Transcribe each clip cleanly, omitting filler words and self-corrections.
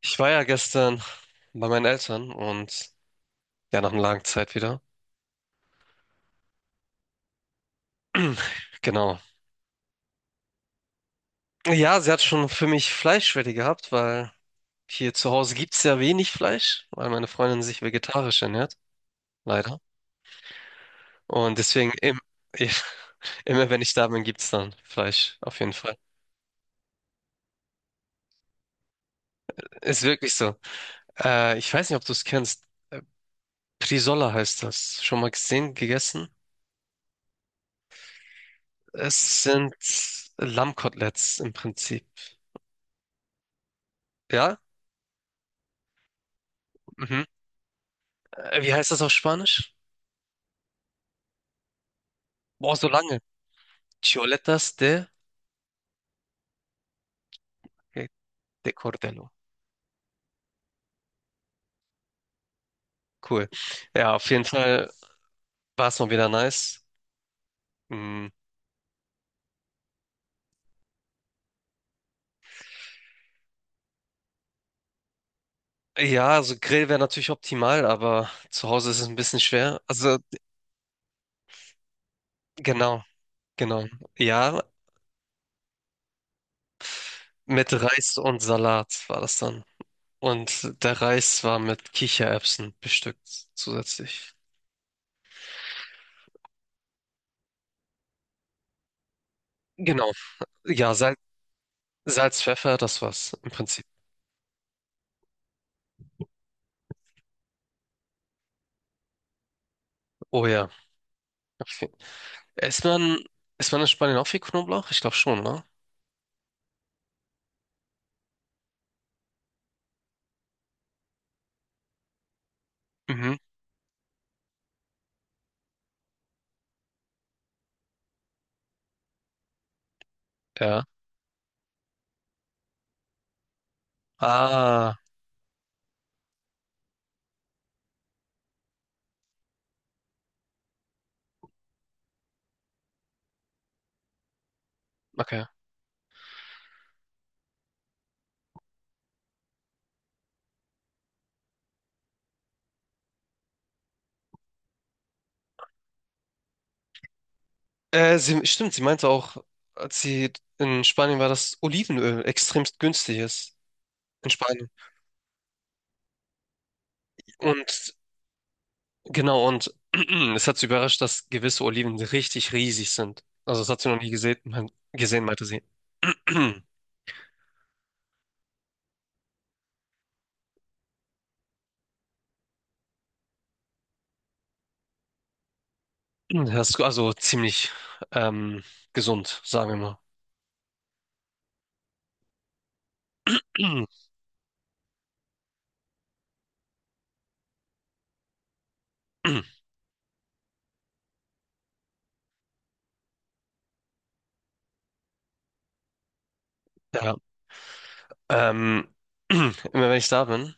Ich war ja gestern bei meinen Eltern und ja, nach einer langen Zeit wieder. Genau. Ja, sie hat schon für mich Fleischschwäche gehabt, weil hier zu Hause gibt's ja wenig Fleisch, weil meine Freundin sich vegetarisch ernährt, leider. Und deswegen im, immer, wenn ich da bin, gibt's dann Fleisch, auf jeden Fall. Ist wirklich so. Ich weiß nicht, ob du es kennst. Äh, Prisola heißt das. Schon mal gesehen, gegessen? Es sind Lammkoteletts im Prinzip. Ja? Mhm. Wie heißt das auf Spanisch? Boah, so lange. Choletas de, okay, de Cordero. Cool. Ja, auf jeden Fall war es mal wieder nice. Mm, ja, also Grill wäre natürlich optimal, aber zu Hause ist es ein bisschen schwer. Also genau, genau. Ja, mit Reis und Salat war das dann. Und der Reis war mit Kichererbsen bestückt zusätzlich. Genau. Ja, Salz, Salz, Pfeffer, das war's im Prinzip. Oh ja. Okay. Isst man, isst man in Spanien auch viel Knoblauch? Ich glaube schon, ne? Mhm. Ja. Ah, okay. Sie, stimmt, sie meinte auch, als sie in Spanien war, dass Olivenöl extremst günstig ist. In Spanien. Und genau, und es hat sie überrascht, dass gewisse Oliven richtig riesig sind. Also das hat sie noch nie gesehen, gesehen, meinte sie. Das ist also ziemlich ähm, gesund, sagen wir mal. Ja. Ähm, immer wenn ich da bin,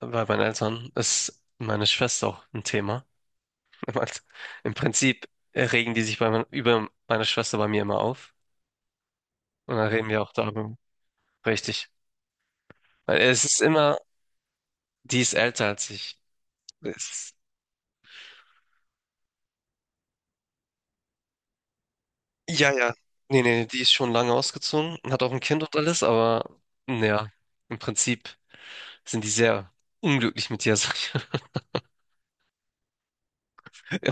bei meinen Eltern, ist meine Schwester auch ein Thema. Mann, im Prinzip regen die sich über meine Schwester bei mir immer auf. Und dann reden wir auch darüber. Richtig. Weil es ist immer, die ist älter als ich. Es ist, ja, ja. Nee, nee, die ist schon lange ausgezogen und hat auch ein Kind und alles, aber naja, im Prinzip sind die sehr unglücklich mit dir, sag ich.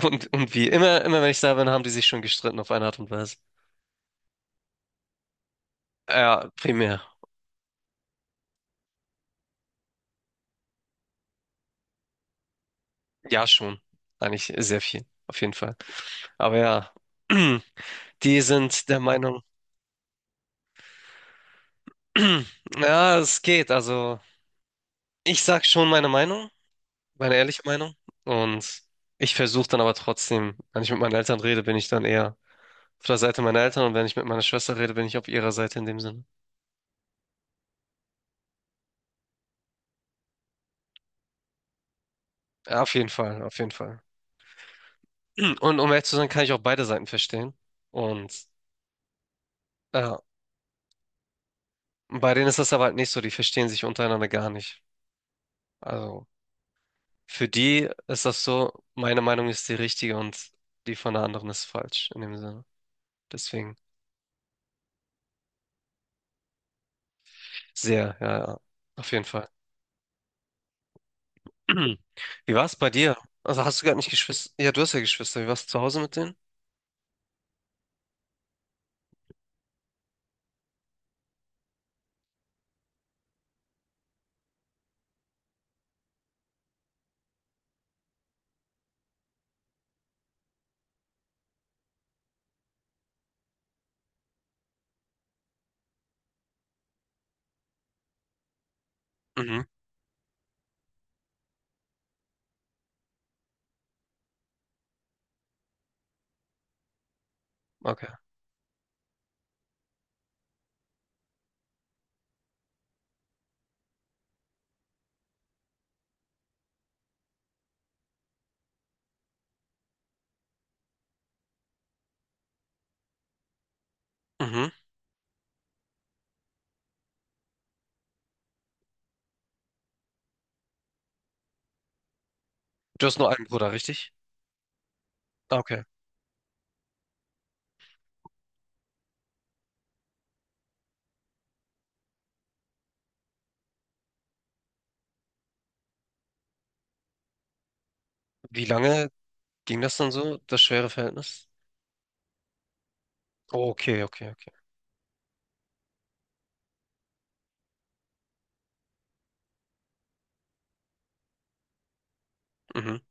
Und, wie immer, immer wenn ich da bin, haben die sich schon gestritten auf eine Art und Weise. Ja, primär. Ja, schon. Eigentlich sehr viel, auf jeden Fall. Aber ja, die sind der Meinung, ja, es geht. Also, ich sag schon meine Meinung, meine ehrliche Meinung. Und ich versuche dann aber trotzdem, wenn ich mit meinen Eltern rede, bin ich dann eher auf der Seite meiner Eltern und wenn ich mit meiner Schwester rede, bin ich auf ihrer Seite in dem Sinne. Ja, auf jeden Fall, auf jeden Fall. Und um ehrlich zu sein, kann ich auch beide Seiten verstehen. Und ja, bei denen ist das aber halt nicht so, die verstehen sich untereinander gar nicht. Also, für die ist das so, meine Meinung ist die richtige und die von der anderen ist falsch in dem Sinne. Deswegen sehr, ja, ja, auf jeden Fall. Wie war es bei dir? Also hast du gar nicht Geschwister? Ja, du hast ja Geschwister. Wie warst du zu Hause mit denen? Mhm, okay. Mhm. Du hast nur einen Bruder, richtig? Ah, okay. Wie lange ging das dann so, das schwere Verhältnis? Oh, okay, okay, okay. Mhm.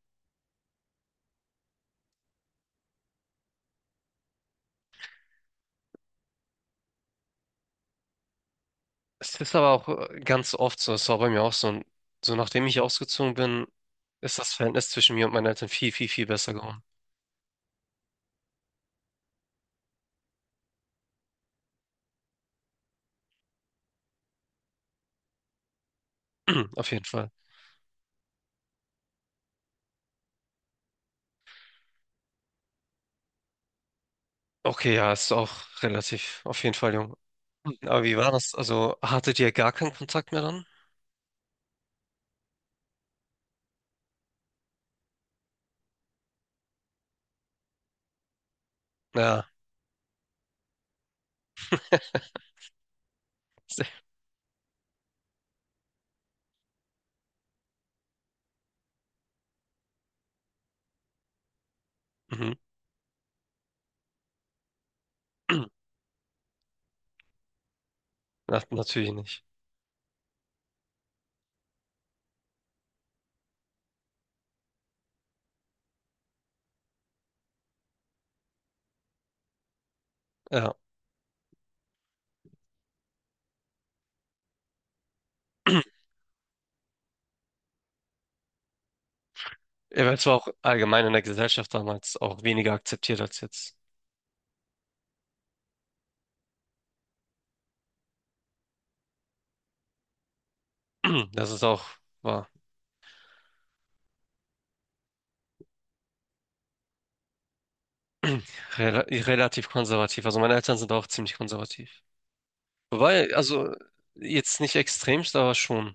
Es ist aber auch ganz oft so, es war bei mir auch so, und so nachdem ich ausgezogen bin, ist das Verhältnis zwischen mir und meinen Eltern viel, viel, viel besser geworden. Auf jeden Fall. Okay, ja, ist auch relativ, auf jeden Fall jung. Aber wie war das? Also hattet ihr gar keinen Kontakt mehr dann? Ja. Mhm. Na, natürlich nicht. Ja. Er war zwar auch allgemein in der Gesellschaft damals auch weniger akzeptiert als jetzt. Das ist auch war rela relativ konservativ. Also meine Eltern sind auch ziemlich konservativ. Wobei, also jetzt nicht extremst, aber schon.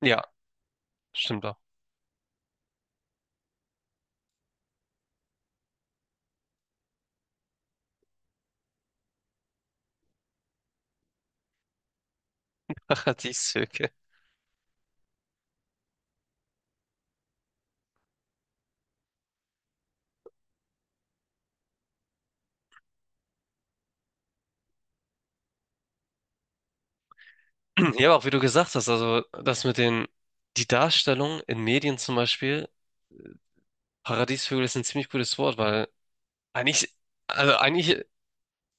Ja, stimmt auch. Paradieshöke. Ja, aber auch wie du gesagt hast, also das mit den, die Darstellung in Medien zum Beispiel, Paradiesvögel ist ein ziemlich gutes Wort, weil eigentlich, also eigentlich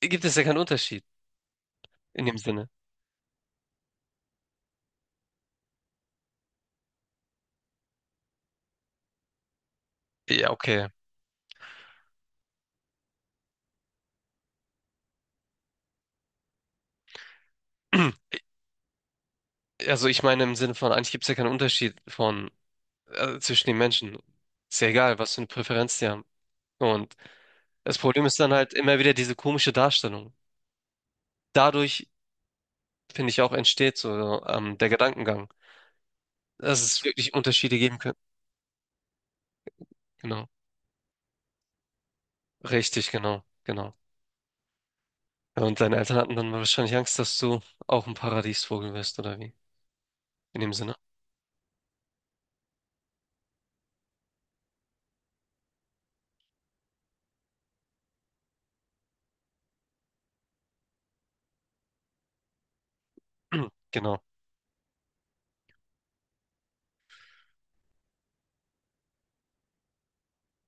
gibt es ja keinen Unterschied in dem Sinne. Ja, okay. Also ich meine im Sinne von, eigentlich gibt es ja keinen Unterschied von zwischen den Menschen. Ist ja egal, was für eine Präferenz die haben. Und das Problem ist dann halt immer wieder diese komische Darstellung. Dadurch, finde ich, auch entsteht so der Gedankengang, dass es wirklich Unterschiede geben könnte. Genau. Richtig, genau, genau. Ja, und deine Eltern hatten dann wahrscheinlich Angst, dass du auch ein Paradiesvogel wirst, oder wie? In dem Sinne. Genau.